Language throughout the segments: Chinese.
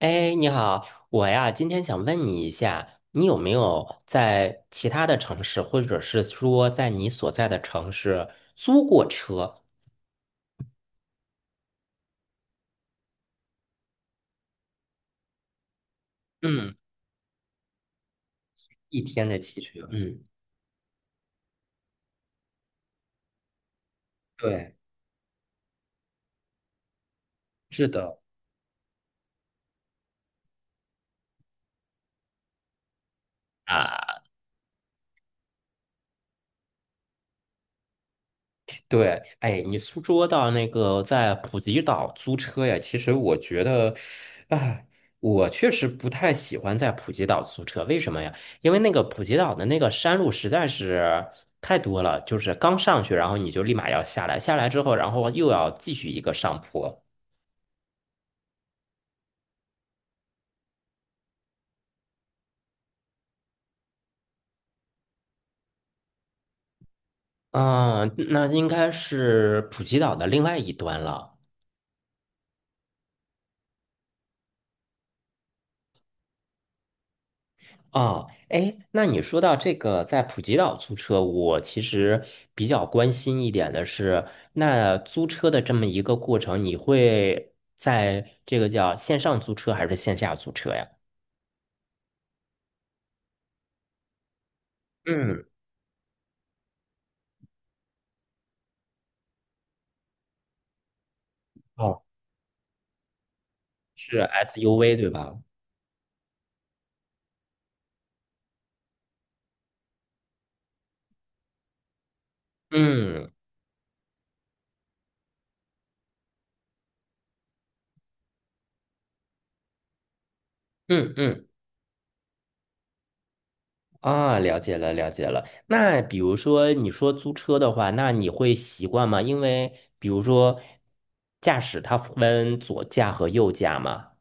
哎，你好，我呀，今天想问你一下，你有没有在其他的城市，或者是说在你所在的城市租过车？嗯，一天的汽车。嗯，对，是的。啊。对，哎，你说说到那个在普吉岛租车呀，其实我觉得，哎，我确实不太喜欢在普吉岛租车，为什么呀？因为那个普吉岛的那个山路实在是太多了，就是刚上去，然后你就立马要下来，下来之后，然后又要继续一个上坡，嗯，那应该是普吉岛的另外一端了。哦，哎，那你说到这个在普吉岛租车，我其实比较关心一点的是，那租车的这么一个过程，你会在这个叫线上租车还是线下租车呀？嗯，哦，是 SUV 对吧？嗯嗯嗯，啊，了解了了解了。那比如说你说租车的话，那你会习惯吗？因为比如说驾驶它分左驾和右驾嘛。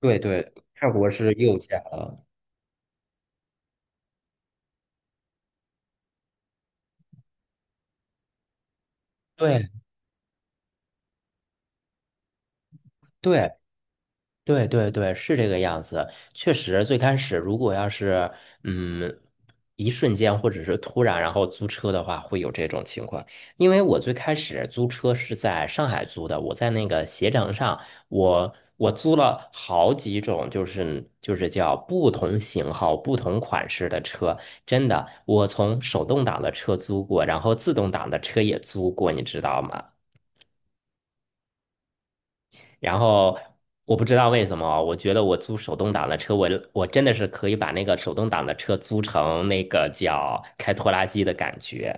对对，泰国是右驾了。对对对对对，是这个样子。确实，最开始如果要是嗯，一瞬间或者是突然，然后租车的话，会有这种情况。因为我最开始租车是在上海租的，我在那个携程上，我租了好几种，就是叫不同型号、不同款式的车。真的，我从手动挡的车租过，然后自动挡的车也租过，你知道吗？然后我不知道为什么，我觉得我租手动挡的车，我真的是可以把那个手动挡的车租成那个叫开拖拉机的感觉。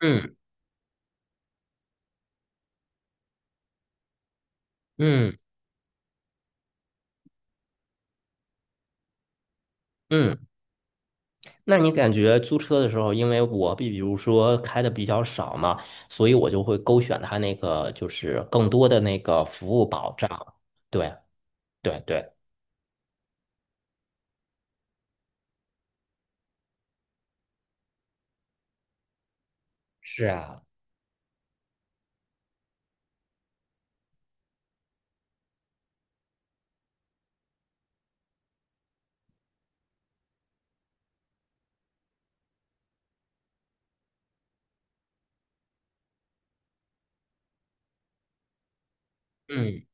嗯嗯嗯，那你感觉租车的时候，因为我比如说开的比较少嘛，所以我就会勾选它那个就是更多的那个服务保障。对对对，是啊，嗯，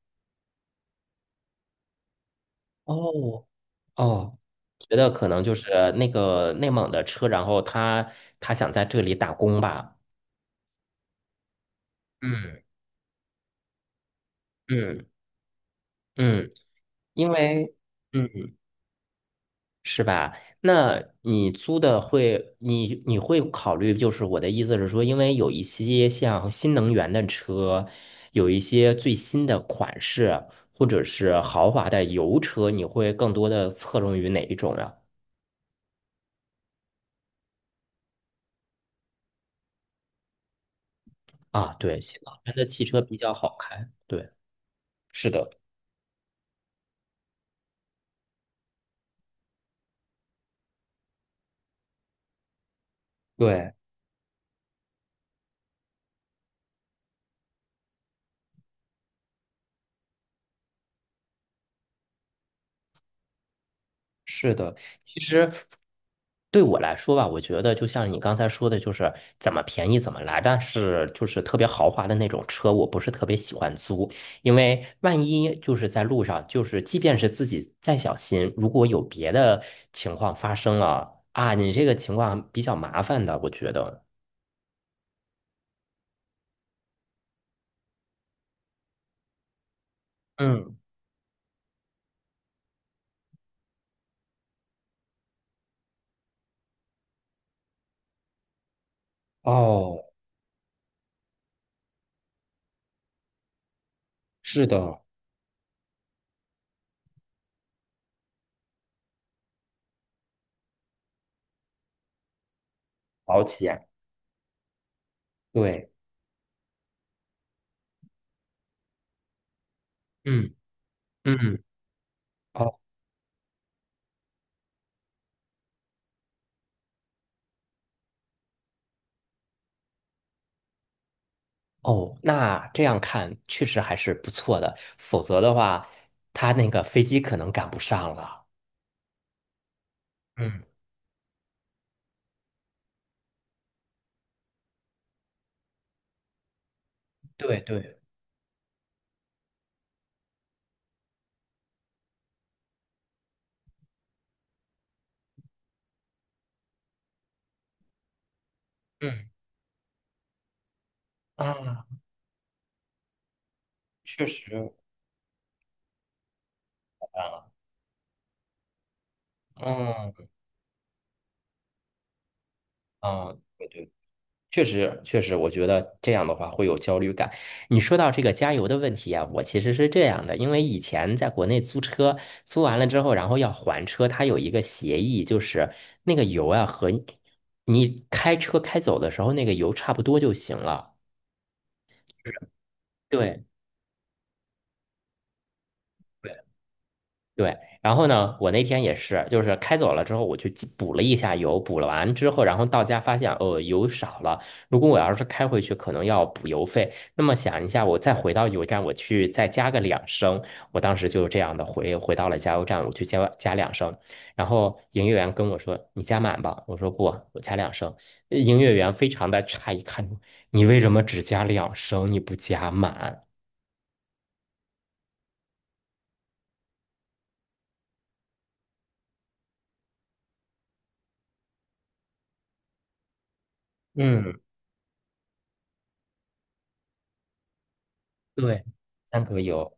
哦哦。觉得可能就是那个内蒙的车，然后他想在这里打工吧。嗯嗯嗯，因为嗯是吧？那你租的会，你你会考虑，就是我的意思是说，因为有一些像新能源的车，有一些最新的款式，或者是豪华的油车，你会更多的侧重于哪一种呀？啊，对，新能源的汽车比较好开。对，是的，对，是的。其实对我来说吧，我觉得就像你刚才说的，就是怎么便宜怎么来，但是就是特别豪华的那种车，我不是特别喜欢租，因为万一就是在路上，就是即便是自己再小心，如果有别的情况发生了啊，你这个情况比较麻烦的，我觉得。嗯，哦，是的，保险，对，嗯嗯。哦哦，那这样看确实还是不错的，否则的话，他那个飞机可能赶不上了。嗯，对对，嗯啊，确实啊，嗯啊，对对，确实确实，我觉得这样的话会有焦虑感。你说到这个加油的问题啊，我其实是这样的，因为以前在国内租车，租完了之后，然后要还车，它有一个协议，就是那个油啊和你开车开走的时候那个油差不多就行了。对。对，然后呢，我那天也是，就是开走了之后，我去记补了一下油，补了完之后，然后到家发现，哦，油少了。如果我要是开回去，可能要补油费。那么想一下，我再回到油站，我去再加个两升。我当时就这样的回到了加油站，我去加两升。然后营业员跟我说：“你加满吧。”我说：“不，我加两升。呃”营业员非常的诧异，看着我你为什么只加两升，你不加满？嗯，对，三格油。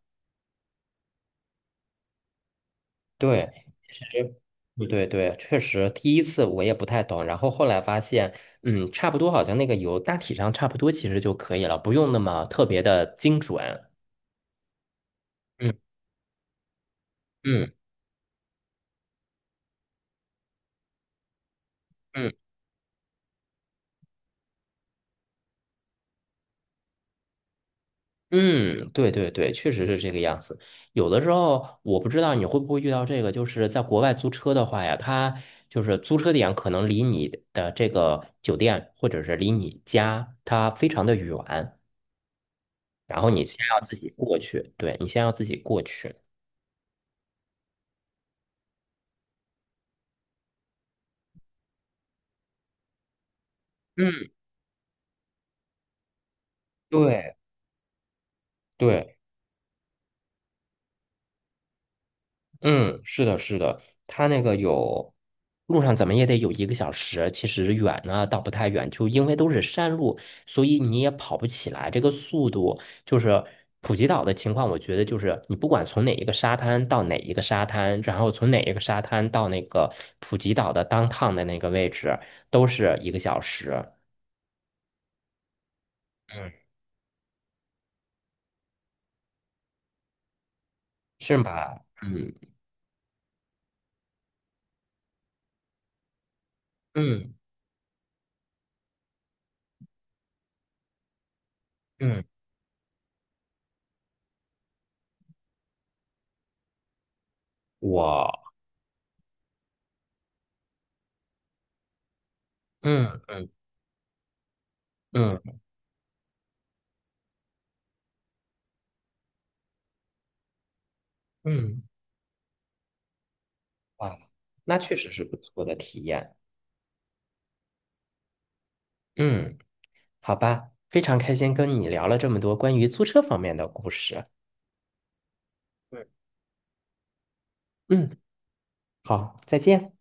对，其实对对对确实第一次我也不太懂，然后后来发现，嗯，差不多，好像那个油大体上差不多，其实就可以了，不用那么特别的精准。嗯嗯嗯嗯，对对对，确实是这个样子。有的时候我不知道你会不会遇到这个，就是在国外租车的话呀，它就是租车点可能离你的这个酒店或者是离你家它非常的远，然后你先要自己过去，对，你先要自己过去。嗯。对对，嗯，是的，是的，它那个有路上怎么也得有一个小时，其实远呢倒不太远，就因为都是山路，所以你也跑不起来，这个速度就是普吉岛的情况，我觉得就是你不管从哪一个沙滩到哪一个沙滩，然后从哪一个沙滩到那个普吉岛的 downtown 的那个位置，都是一个小时，嗯，是吧？嗯嗯嗯，我嗯嗯嗯。啊，那确实是不错的体验。嗯，好吧，非常开心跟你聊了这么多关于租车方面的故事。对，嗯，好，再见。